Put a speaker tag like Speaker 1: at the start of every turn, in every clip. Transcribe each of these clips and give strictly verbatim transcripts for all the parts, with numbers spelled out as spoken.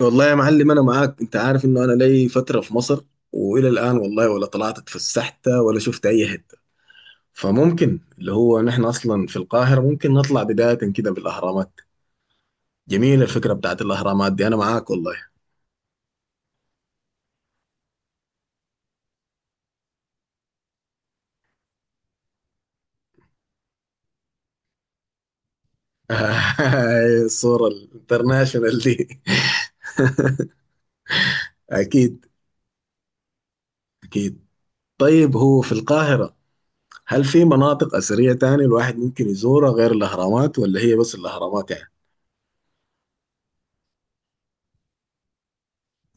Speaker 1: والله يا معلم انا معاك. انت عارف انه انا لي فتره في مصر والى الان والله ولا طلعت اتفسحت ولا شفت اي حته. فممكن اللي هو نحن اصلا في القاهره ممكن نطلع بدايه كده بالاهرامات. جميله الفكره بتاعت الاهرامات دي انا معاك والله. الصوره الانترناشونال دي. اكيد اكيد. طيب هو في القاهره هل في مناطق اثريه تاني الواحد ممكن يزورها غير الاهرامات ولا هي بس الاهرامات يعني؟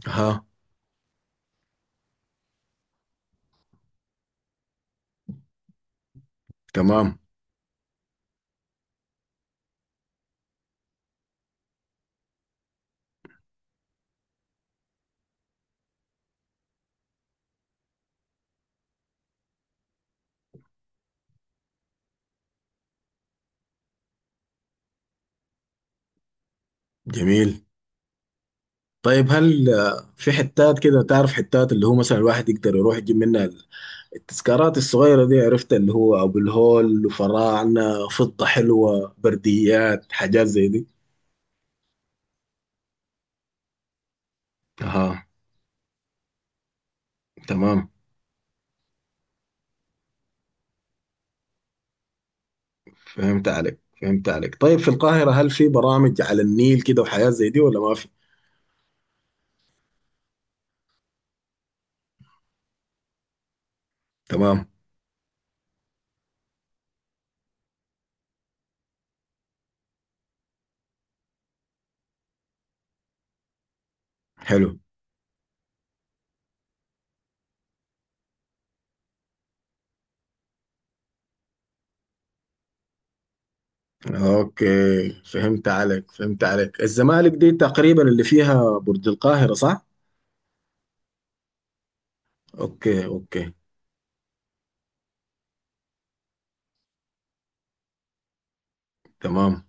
Speaker 1: ها. تمام. جميل. طيب هل آه، في حتات كده تعرف حتات اللي هو مثلا الواحد يقدر يروح يجيب منها ال- التذكارات الصغيرة دي. عرفت اللي هو أبو الهول وفراعنة فضة حلوة برديات حاجات زي دي. أها. تمام. فهمت عليك فهمت عليك. طيب في القاهرة هل في برامج على النيل كده وحاجات زي دي ولا ما في؟ تمام. حلو. أوكي فهمت عليك فهمت عليك. الزمالك دي تقريبا اللي فيها برج القاهرة صح؟ أوكي أوكي. تمام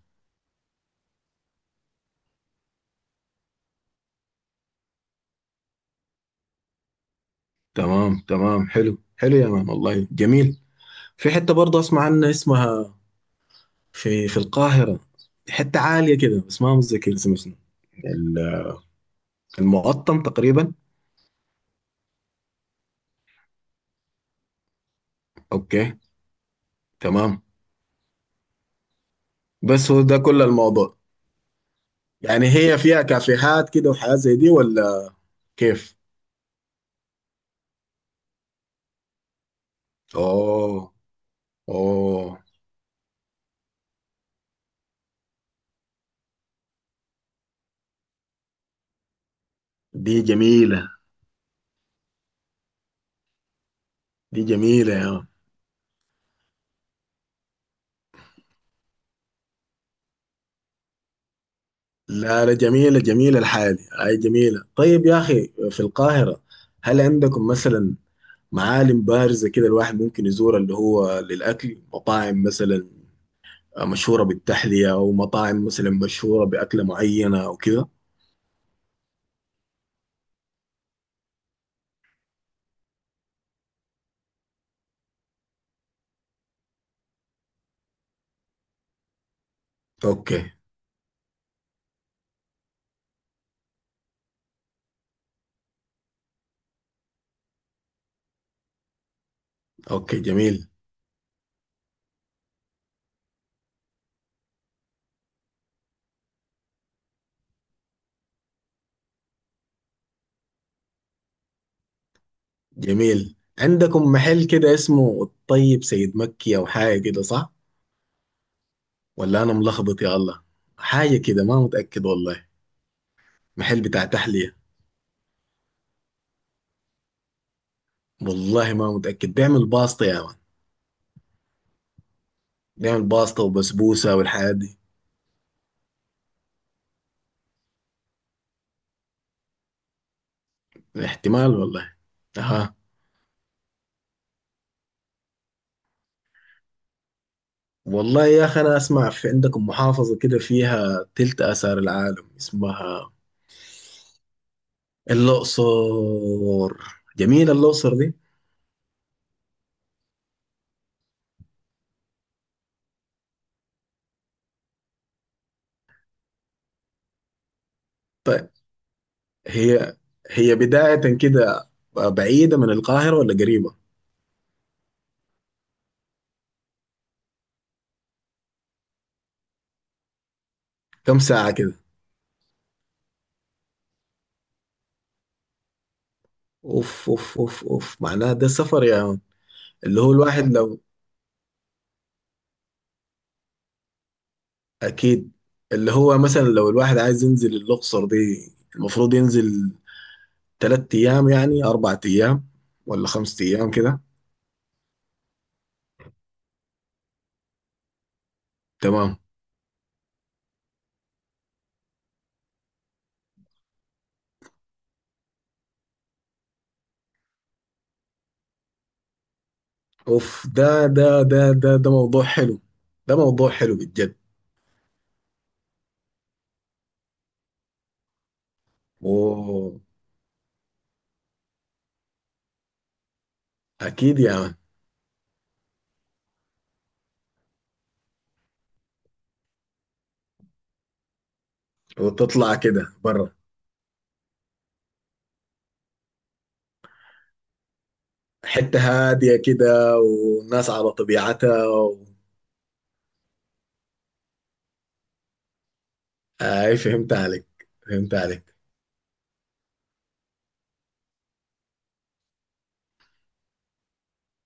Speaker 1: تمام تمام. حلو حلو يا مان والله جميل. في حتة برضه أسمع عنها اسمها. في في القاهرة حتة عالية كده بس ما متذكر اسمها شنو. ال- المقطم تقريبا. أوكي. تمام. بس هو ده كل الموضوع. يعني هي فيها كافيهات كده وحاجات زي دي ولا؟ كيف؟ أوه. أوه. دي جميلة. دي جميلة يا مان. لا لا جميلة جميلة الحالي هاي جميلة. طيب يا أخي في القاهرة هل عندكم مثلا معالم بارزة كده الواحد ممكن يزورها اللي هو للأكل مطاعم مثلا مشهورة بالتحلية أو مطاعم مثلا مشهورة بأكلة معينة أو كده؟ أوكي أوكي جميل. جميل عندكم محل كده اسمه الطيب سيد مكي أو حاجة كده صح؟ ولا أنا ملخبط يا الله؟ حاجة كده ما متأكد والله. محل بتاع تحلية. والله ما متأكد بيعمل باسطة يا مان. بيعمل باسطة وبسبوسة والحاجات دي. احتمال والله. أها. والله يا أخي أنا أسمع في عندكم محافظة كده فيها تلت آثار العالم اسمها الأقصر. جميلة الأقصر دي. طيب هي هي بداية كده بعيدة من القاهرة ولا قريبة؟ كم ساعة كده؟ أوف أوف أوف أوف معناها ده سفر يا يعني. اللي هو الواحد لو. أكيد. اللي هو مثلا لو الواحد عايز ينزل الأقصر دي المفروض ينزل تلات أيام يعني أربع أيام ولا خمس أيام كده. تمام. اوف ده ده ده ده ده موضوع حلو. ده موضوع حلو بالجد. اوه. اكيد يا مان. وتطلع كده برا. حتة هادية كده والناس على طبيعتها و... آه، اي فهمت عليك. فهمت عليك.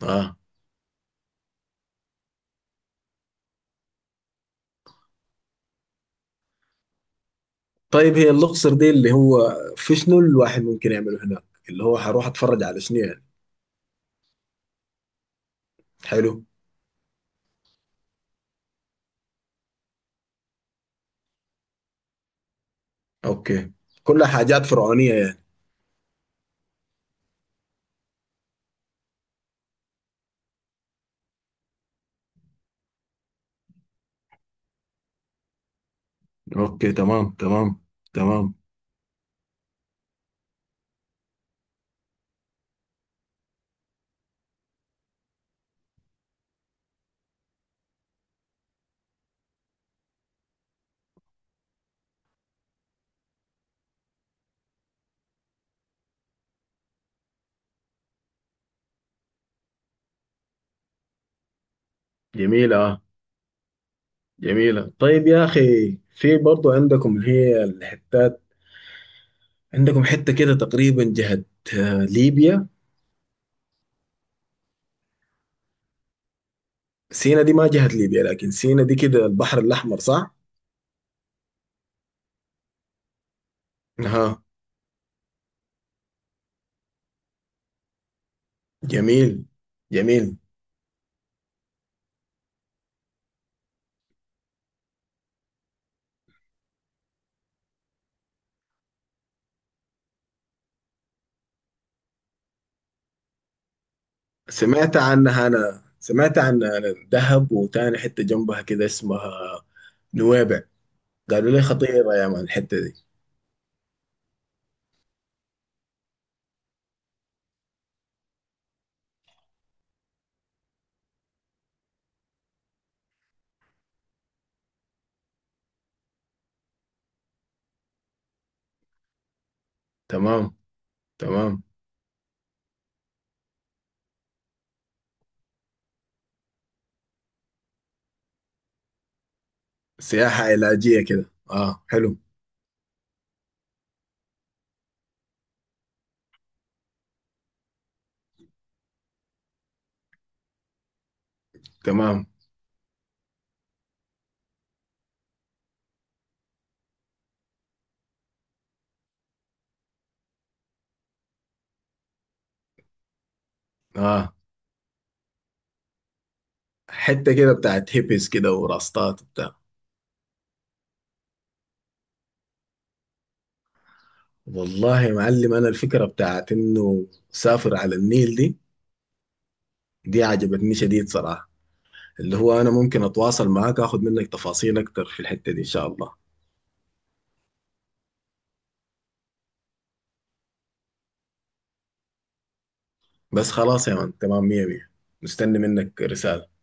Speaker 1: اه طيب هي الاقصر دي اللي هو في شنو الواحد ممكن يعمله هناك؟ اللي هو حروح اتفرج على شنو يعني؟ حلو. اوكي. كلها حاجات فرعونية يعني. اوكي تمام تمام تمام. جميلة جميلة. طيب يا أخي في برضو عندكم اللي هي الحتات. عندكم حتة كده تقريبا جهة آه، ليبيا. سينا دي ما جهة ليبيا لكن سينا دي كده البحر الأحمر صح؟ ها. جميل جميل. سمعت عنها. أنا سمعت عن دهب وتاني حتة جنبها كده اسمها نويبع. قالوا لي خطيرة يا مان الحتة دي. تمام تمام. سياحة علاجية كده اه حلو. تمام. اه. حتة كده بتاعت هيبس كده وراستات. والله يا معلم انا الفكره بتاعت انه سافر على النيل دي. دي عجبتني شديد صراحه. اللي هو انا ممكن اتواصل معاك اخد منك تفاصيل اكتر في الحته دي ان شاء الله. بس خلاص يا مان تمام مية مية. مستني منك رساله.